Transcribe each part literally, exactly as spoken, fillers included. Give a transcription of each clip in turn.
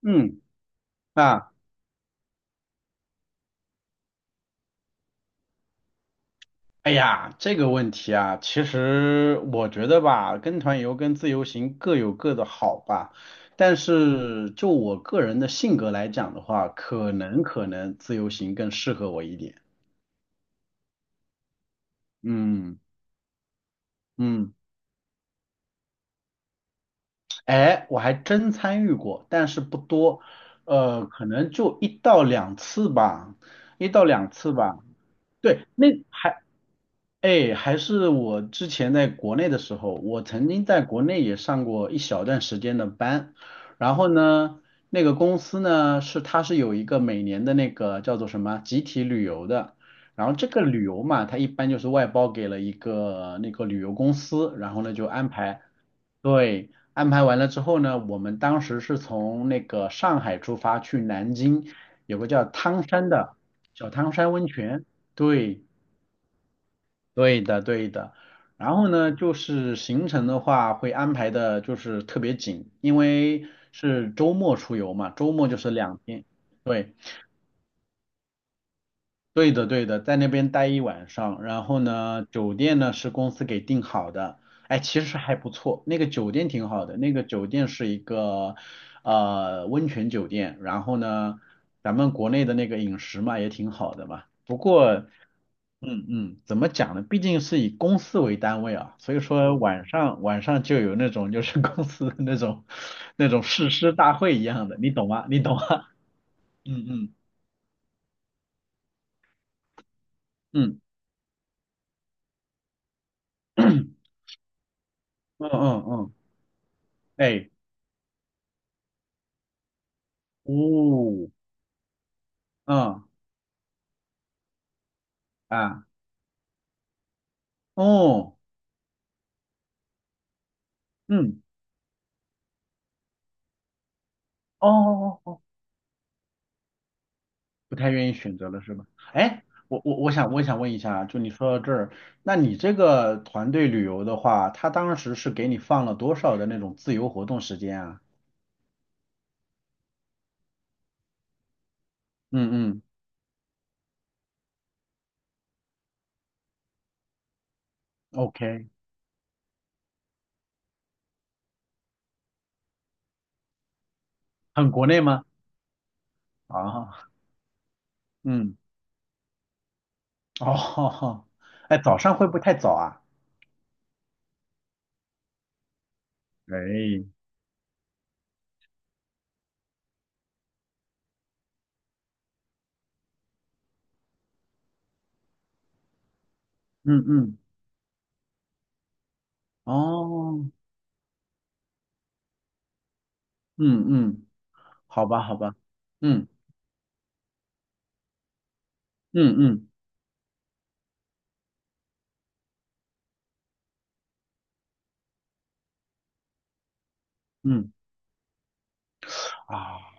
嗯，啊，哎呀，这个问题啊，其实我觉得吧，跟团游跟自由行各有各的好吧，但是就我个人的性格来讲的话，可能可能自由行更适合我一点。嗯嗯，哎，我还真参与过，但是不多，呃，可能就一到两次吧，一到两次吧。对，那还，哎，还是我之前在国内的时候，我曾经在国内也上过一小段时间的班，然后呢，那个公司呢是它是有一个每年的那个叫做什么集体旅游的，然后这个旅游嘛，它一般就是外包给了一个那个旅游公司，然后呢就安排，对，安排完了之后呢，我们当时是从那个上海出发去南京，有个叫汤山的小汤山温泉。对，对的，对的。然后呢，就是行程的话会安排的，就是特别紧，因为是周末出游嘛，周末就是两天，对，对的，对的，在那边待一晚上，然后呢，酒店呢是公司给订好的，哎，其实还不错，那个酒店挺好的，那个酒店是一个呃温泉酒店，然后呢，咱们国内的那个饮食嘛也挺好的嘛，不过，嗯嗯，怎么讲呢？毕竟是以公司为单位啊，所以说晚上晚上就有那种就是公司的那种那种誓师大会一样的，你懂吗？你懂吗？嗯嗯嗯嗯嗯嗯，哎。哦，嗯啊，哦，嗯，哦哦哦，哦，不太愿意选择了是吧？哎，我我我想我想问一下啊，就你说到这儿，那你这个团队旅游的话，他当时是给你放了多少的那种自由活动时间啊？嗯嗯，OK,很国内吗？啊，嗯，哦，哎，早上会不会太早啊？哎，嗯嗯，哦，嗯嗯，好吧好吧，嗯嗯嗯嗯。啊。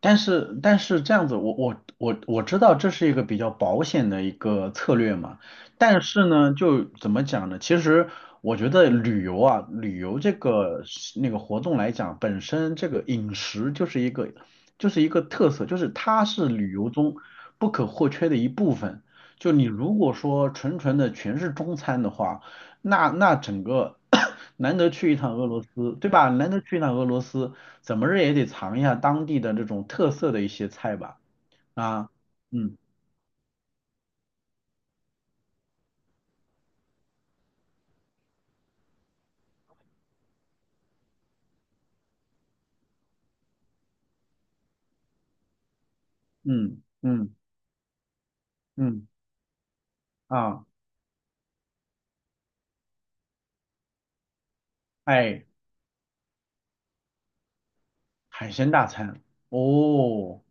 但是但是这样子，我我我我知道这是一个比较保险的一个策略嘛，但是呢，就怎么讲呢？其实我觉得旅游啊，旅游这个是那个活动来讲，本身这个饮食就是一个就是一个特色，就是它是旅游中不可或缺的一部分。就你如果说纯纯的全是中餐的话，那那整个 难得去一趟俄罗斯，对吧？难得去一趟俄罗斯。怎么着也得尝一下当地的这种特色的一些菜吧。啊，嗯嗯嗯嗯啊，哎，海鲜大餐哦，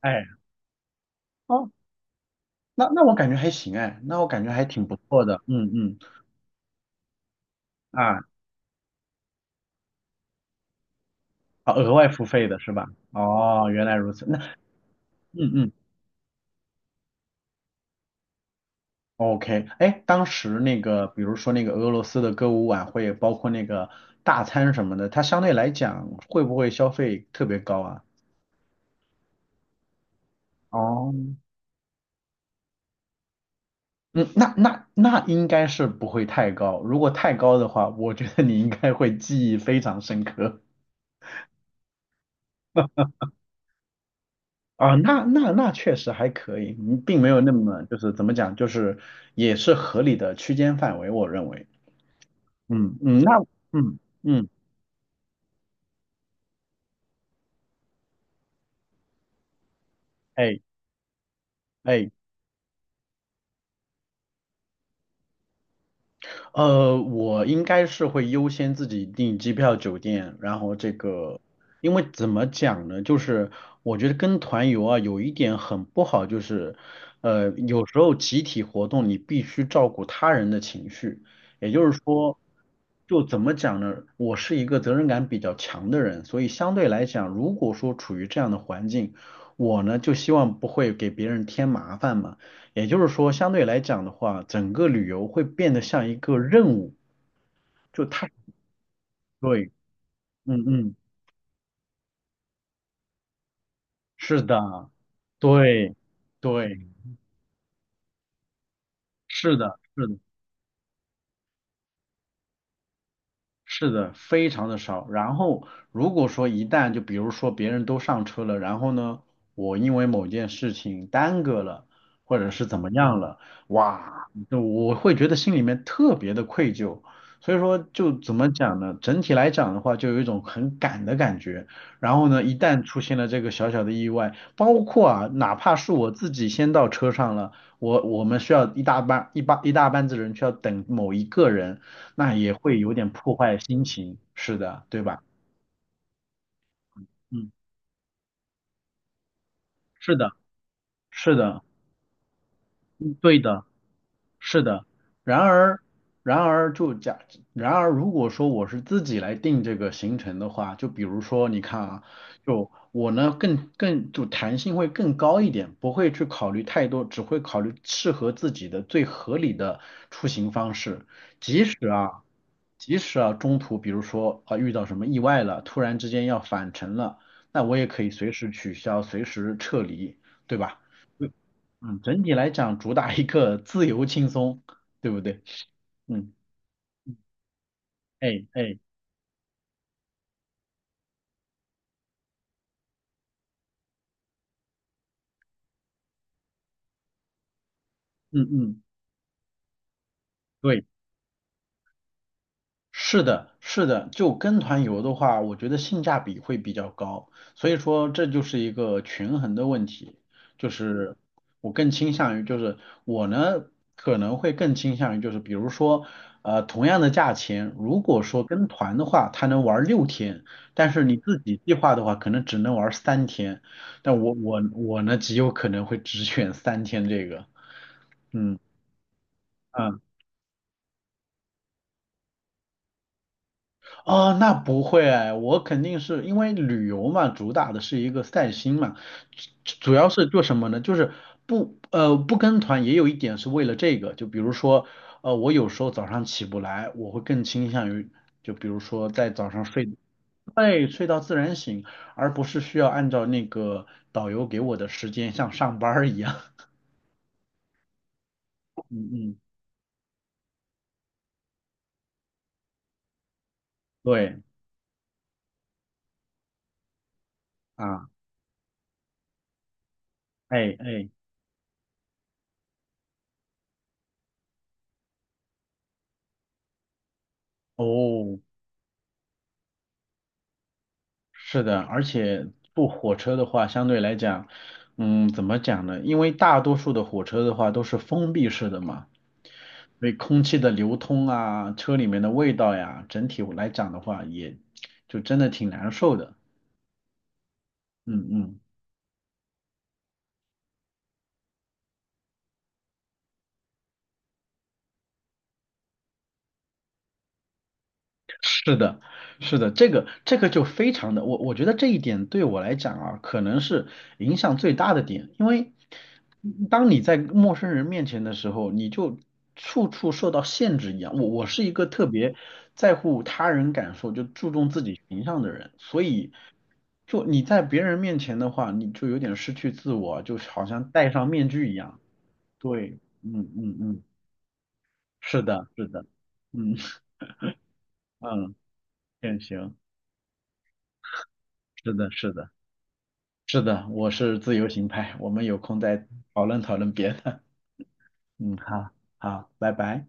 哎哦，那那我感觉还行哎，那我感觉还挺不错的。嗯嗯啊啊，额外付费的是吧？哦，原来如此。那嗯嗯，OK,哎，当时那个比如说那个俄罗斯的歌舞晚会，包括那个大餐什么的，它相对来讲会不会消费特别高啊？哦嗯，那那那应该是不会太高，如果太高的话，我觉得你应该会记忆非常深刻啊。那那那确实还可以，嗯并没有那么就是怎么讲，就是也是合理的区间范围，我认为。嗯嗯，那嗯嗯，哎哎。呃，我应该是会优先自己订机票、酒店，然后这个，因为怎么讲呢，就是我觉得跟团游啊，有一点很不好，就是，呃，有时候集体活动你必须照顾他人的情绪，也就是说，就怎么讲呢，我是一个责任感比较强的人，所以相对来讲，如果说处于这样的环境，我呢就希望不会给别人添麻烦嘛。也就是说，相对来讲的话，整个旅游会变得像一个任务，就它对，嗯嗯，是的，对对，是的，是的。是的，非常的少。然后如果说一旦就比如说别人都上车了，然后呢，我因为某件事情耽搁了，或者是怎么样了，哇，就我会觉得心里面特别的愧疚。所以说就怎么讲呢？整体来讲的话，就有一种很赶的感觉。然后呢，一旦出现了这个小小的意外，包括啊，哪怕是我自己先到车上了，我我们需要一大班一班一大班子人需要等某一个人。那也会有点破坏心情，是的，对吧？嗯，是的，是的，嗯，对的。是的，然而，然而就假，然而如果说我是自己来定这个行程的话，就比如说你看啊，就我呢更更就弹性会更高一点，不会去考虑太多，只会考虑适合自己的最合理的出行方式。即使啊，即使啊中途比如说啊遇到什么意外了，突然之间要返程了，那我也可以随时取消，随时撤离，对吧？嗯，整体来讲主打一个自由轻松，对不对？嗯，哎哎，嗯嗯，对。是的，是的，就跟团游的话，我觉得性价比会比较高，所以说这就是一个权衡的问题，就是我更倾向于，就是我呢可能会更倾向于，就是比如说，呃，同样的价钱，如果说跟团的话，他能玩六天，但是你自己计划的话，可能只能玩三天，但我我我呢极有可能会只选三天这个，嗯。啊哦，那不会哎我肯定是因为旅游嘛，主打的是一个散心嘛，主主要是做什么呢？就是不呃不跟团也有一点是为了这个，就比如说呃我有时候早上起不来，我会更倾向于就比如说在早上睡，对，睡到自然醒，而不是需要按照那个导游给我的时间像上班儿一样，嗯嗯，对啊，哎哎，哦。是的，而且坐火车的话，相对来讲，嗯，怎么讲呢？因为大多数的火车的话都是封闭式的嘛，所以空气的流通啊，车里面的味道呀，整体来讲的话，也就真的挺难受的。嗯嗯。是的，是的，这个这个就非常的，我我觉得这一点对我来讲啊，可能是影响最大的点，因为当你在陌生人面前的时候，你就处处受到限制一样。我我是一个特别在乎他人感受，就注重自己形象的人，所以就你在别人面前的话，你就有点失去自我，就好像戴上面具一样。对，嗯嗯嗯，是的，是的，嗯 嗯，也行，是的，是的。是的，我是自由行派，我们有空再讨论讨论别的。嗯，好，好，拜拜。